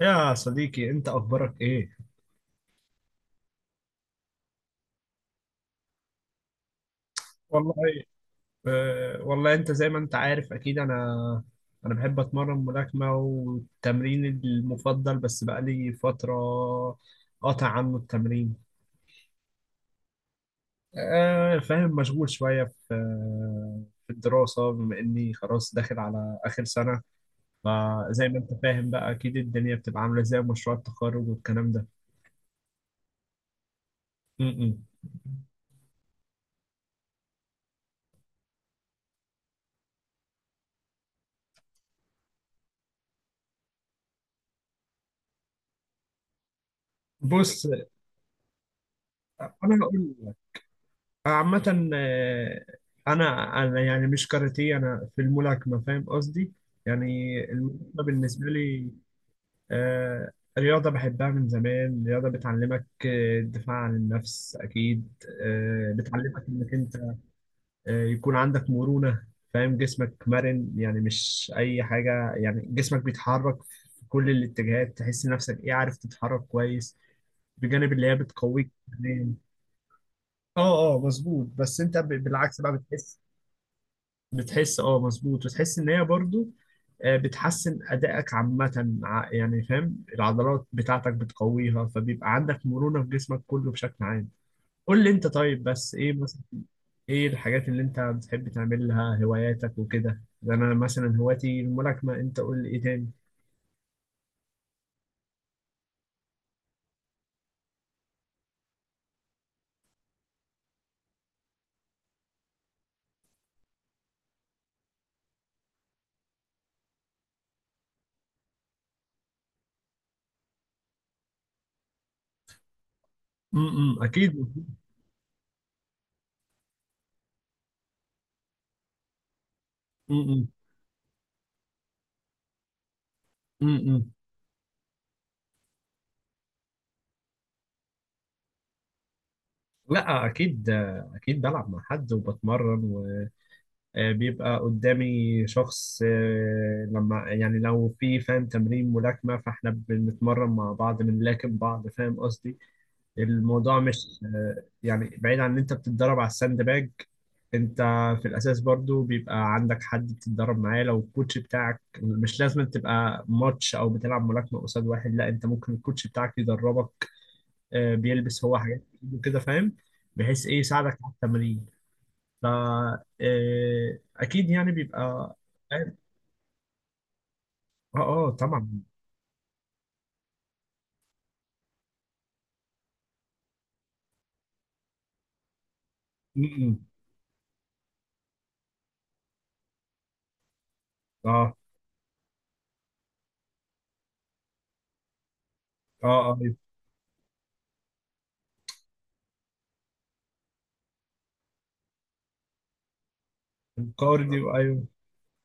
يا صديقي، انت اخبارك ايه؟ والله. والله انت زي ما انت عارف، اكيد انا بحب اتمرن ملاكمة، والتمرين المفضل، بس بقالي فترة قاطع عنه التمرين. فاهم، مشغول شوية في الدراسة، بما اني خلاص داخل على اخر سنة، فزي ما انت فاهم بقى اكيد الدنيا بتبقى عاملة ازاي، مشروع التخرج والكلام ده. م -م. بص، انا هقول عامة. أنا يعني مش كاراتيه، أنا في الملاكمة، فاهم قصدي؟ يعني الملاكمة بالنسبة لي آه، رياضة بحبها من زمان، رياضة بتعلمك الدفاع عن النفس أكيد، بتعلمك إنك أنت يكون عندك مرونة، فاهم، جسمك مرن، يعني مش أي حاجة، يعني جسمك بيتحرك في كل الاتجاهات، تحس نفسك إيه، عارف، تتحرك كويس، بجانب اللي هي بتقويك. اه، اه، مظبوط، بس انت بالعكس بقى بتحس مظبوط، وتحس ان هي برضو بتحسن ادائك عامه، يعني فاهم، العضلات بتاعتك بتقويها، فبيبقى عندك مرونه في جسمك كله بشكل عام. قول لي انت، طيب بس ايه مثلا، ايه الحاجات اللي انت بتحب تعملها، هواياتك وكده؟ ده انا مثلا هوايتي الملاكمه، انت قول لي ايه تاني. اكيد. امم امم لا، اكيد آه، اكيد بلعب مع حد وبتمرن، بيبقى قدامي شخص، لما يعني لو في، فاهم، تمرين ملاكمة، فاحنا بنتمرن مع بعض، بنلاكم بعض، فاهم قصدي. الموضوع مش يعني بعيد عن ان انت بتتدرب على الساند باج، انت في الاساس برضو بيبقى عندك حد بتتدرب معاه، لو الكوتش بتاعك، مش لازم تبقى ماتش او بتلعب ملاكمة قصاد واحد، لا، انت ممكن الكوتش بتاعك يدربك، بيلبس هو حاجات كده، فاهم، بحيث ايه يساعدك على التمرين. ف آه، اكيد يعني بيبقى، اه، اه، طبعا. م-م. اه، اه، اه، الكارديو، ايوه.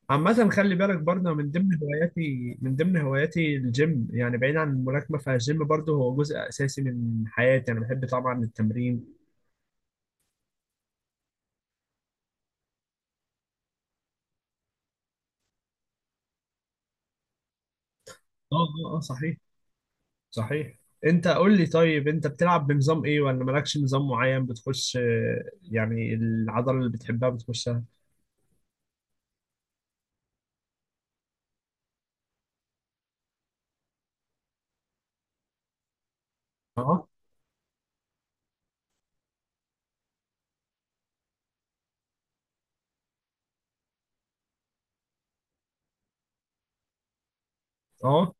عامة خلي بالك برضه، من ضمن هواياتي الجيم، يعني بعيد عن الملاكمة، فالجيم برضه هو جزء اساسي من حياتي، انا بحب طبعا التمرين. اه، اه، اه، صحيح، صحيح. انت قول لي، طيب انت بتلعب بنظام ايه ولا مالكش نظام معين، بتخش يعني العضلة اللي بتحبها بتخشها؟ اه، اه.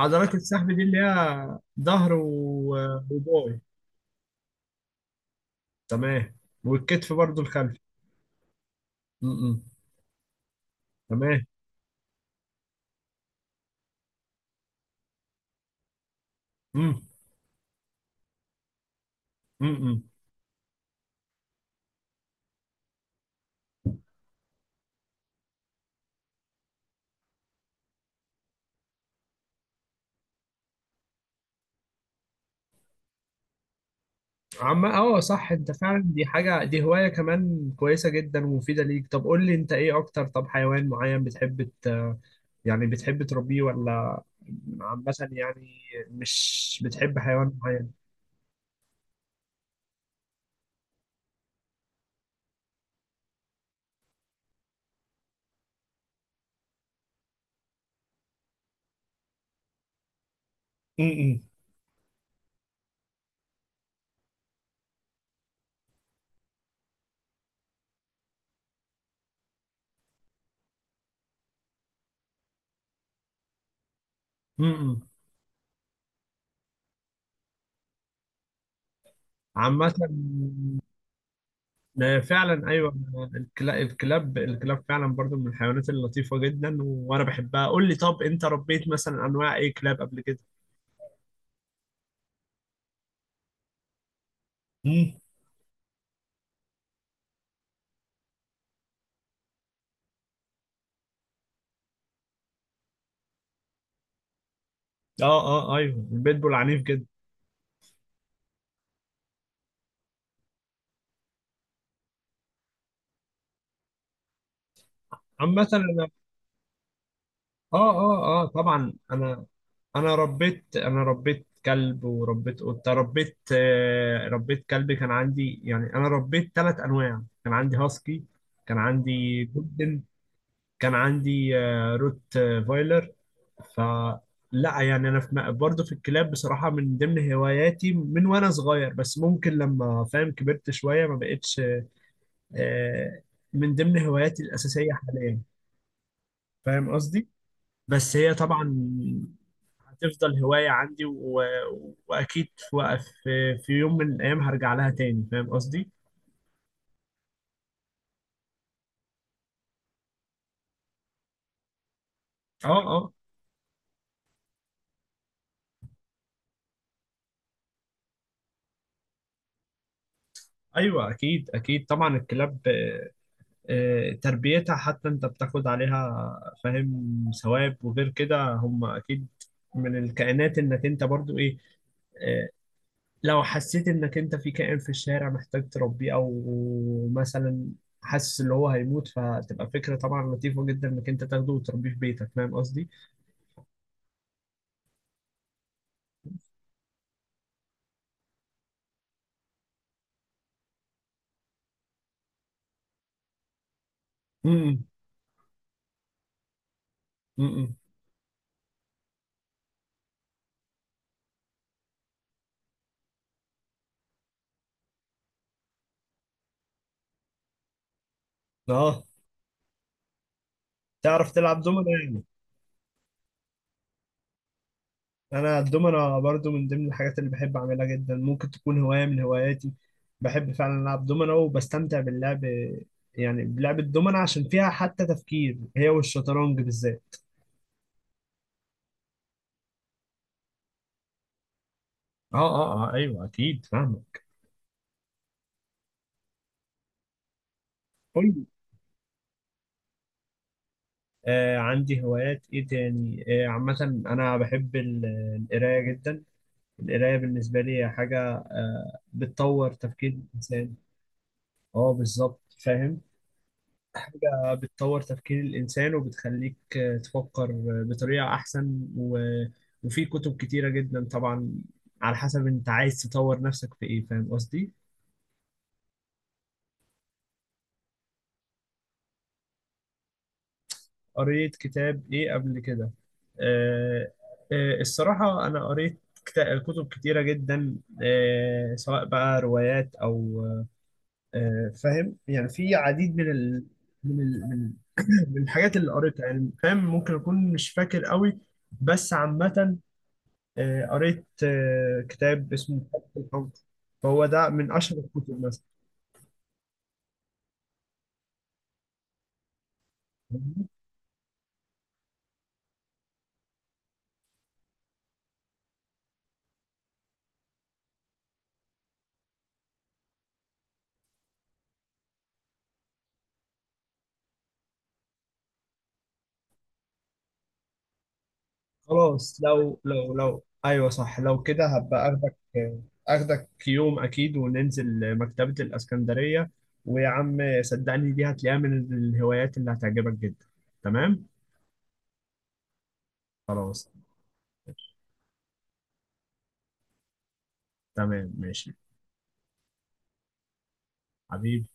عضلات السحب دي اللي هي ظهر وباي. تمام، والكتف برضو الخلفي. م- م. تمام. م- م- م. عم، اه، صح، انت فعلا دي حاجة، دي هواية كمان كويسة جدا ومفيدة ليك. طب قول لي انت، ايه اكتر، طب حيوان معين بتحب يعني بتحب تربيه، ولا عامة يعني مش بتحب حيوان معين؟ م- م. م- م. عامة فعلا ايوه. الكلاب فعلا برضو من الحيوانات اللطيفه جدا، وانا بحبها. قول لي، طب انت ربيت مثلا انواع ايه كلاب قبل كده؟ امم اه، اه، ايوه، البيتبول عنيف جدا. عامه انا، اه، اه، اه، طبعا، انا ربيت كلب، وربيت قطه، ربيت كلب. كان عندي، يعني انا ربيت 3 انواع، كان عندي هاسكي، كان عندي جولدن، كان عندي روت فايلر. فلا يعني انا في برضه في الكلاب بصراحه، من ضمن هواياتي من وانا صغير، بس ممكن لما فاهم كبرت شويه ما بقتش آه، من ضمن هواياتي الاساسيه حاليا، فاهم قصدي. بس هي طبعا هتفضل هوايه عندي، واكيد في في يوم من الايام هرجع لها تاني، فاهم قصدي. اه، اه، ايوه، اكيد، اكيد، طبعا الكلاب تربيتها، حتى انت بتاخد عليها فاهم ثواب. وغير كده هم اكيد من الكائنات، انك انت برضو ايه، آه، لو حسيت انك انت في كائن في الشارع محتاج تربيه، او مثلا حاسس ان هو هيموت، فتبقى فكرة طبعا لطيفة جدا انك انت تاخده وتربيه في بيتك، فاهم قصدي؟ امم امم اه تعرف تلعب دومنا يعني؟ انا الدومنة برضو من ضمن الحاجات اللي بحب اعملها جدا، ممكن تكون هواية من هواياتي. بحب فعلا العب دومنة، وبستمتع باللعب، يعني بلعب الدومنة عشان فيها حتى تفكير، هي والشطرنج بالذات. اه، اه، اه، ايوه، اكيد، فاهمك. قول لي، عندي هوايات ايه تاني. عامة انا بحب القراية جدا. القراية بالنسبة لي هي حاجة بتطور تفكير الانسان. اه، بالظبط، فاهم. حاجة بتطور تفكير الإنسان وبتخليك تفكر بطريقة أحسن، وفي كتب كتيرة جدا طبعا، على حسب أنت عايز تطور نفسك في إيه، فاهم قصدي؟ قريت كتاب إيه قبل كده؟ آه الصراحة أنا قريت كتب كتيرة جدا، سواء بقى روايات، أو فاهم يعني في عديد من ال... من ال... من من الحاجات اللي قريتها، يعني فاهم، ممكن أكون مش فاكر قوي. بس عامة قريت كتاب اسمه كتاب الحب، فهو ده من أشهر الكتب مثلا. خلاص، لو لو لو أيوه صح، لو كده هبقى أخدك يوم أكيد، وننزل مكتبة الإسكندرية، ويا عم صدقني، دي هتلاقيها من الهوايات اللي هتعجبك جدا. تمام، خلاص، تمام، ماشي. حبيبي.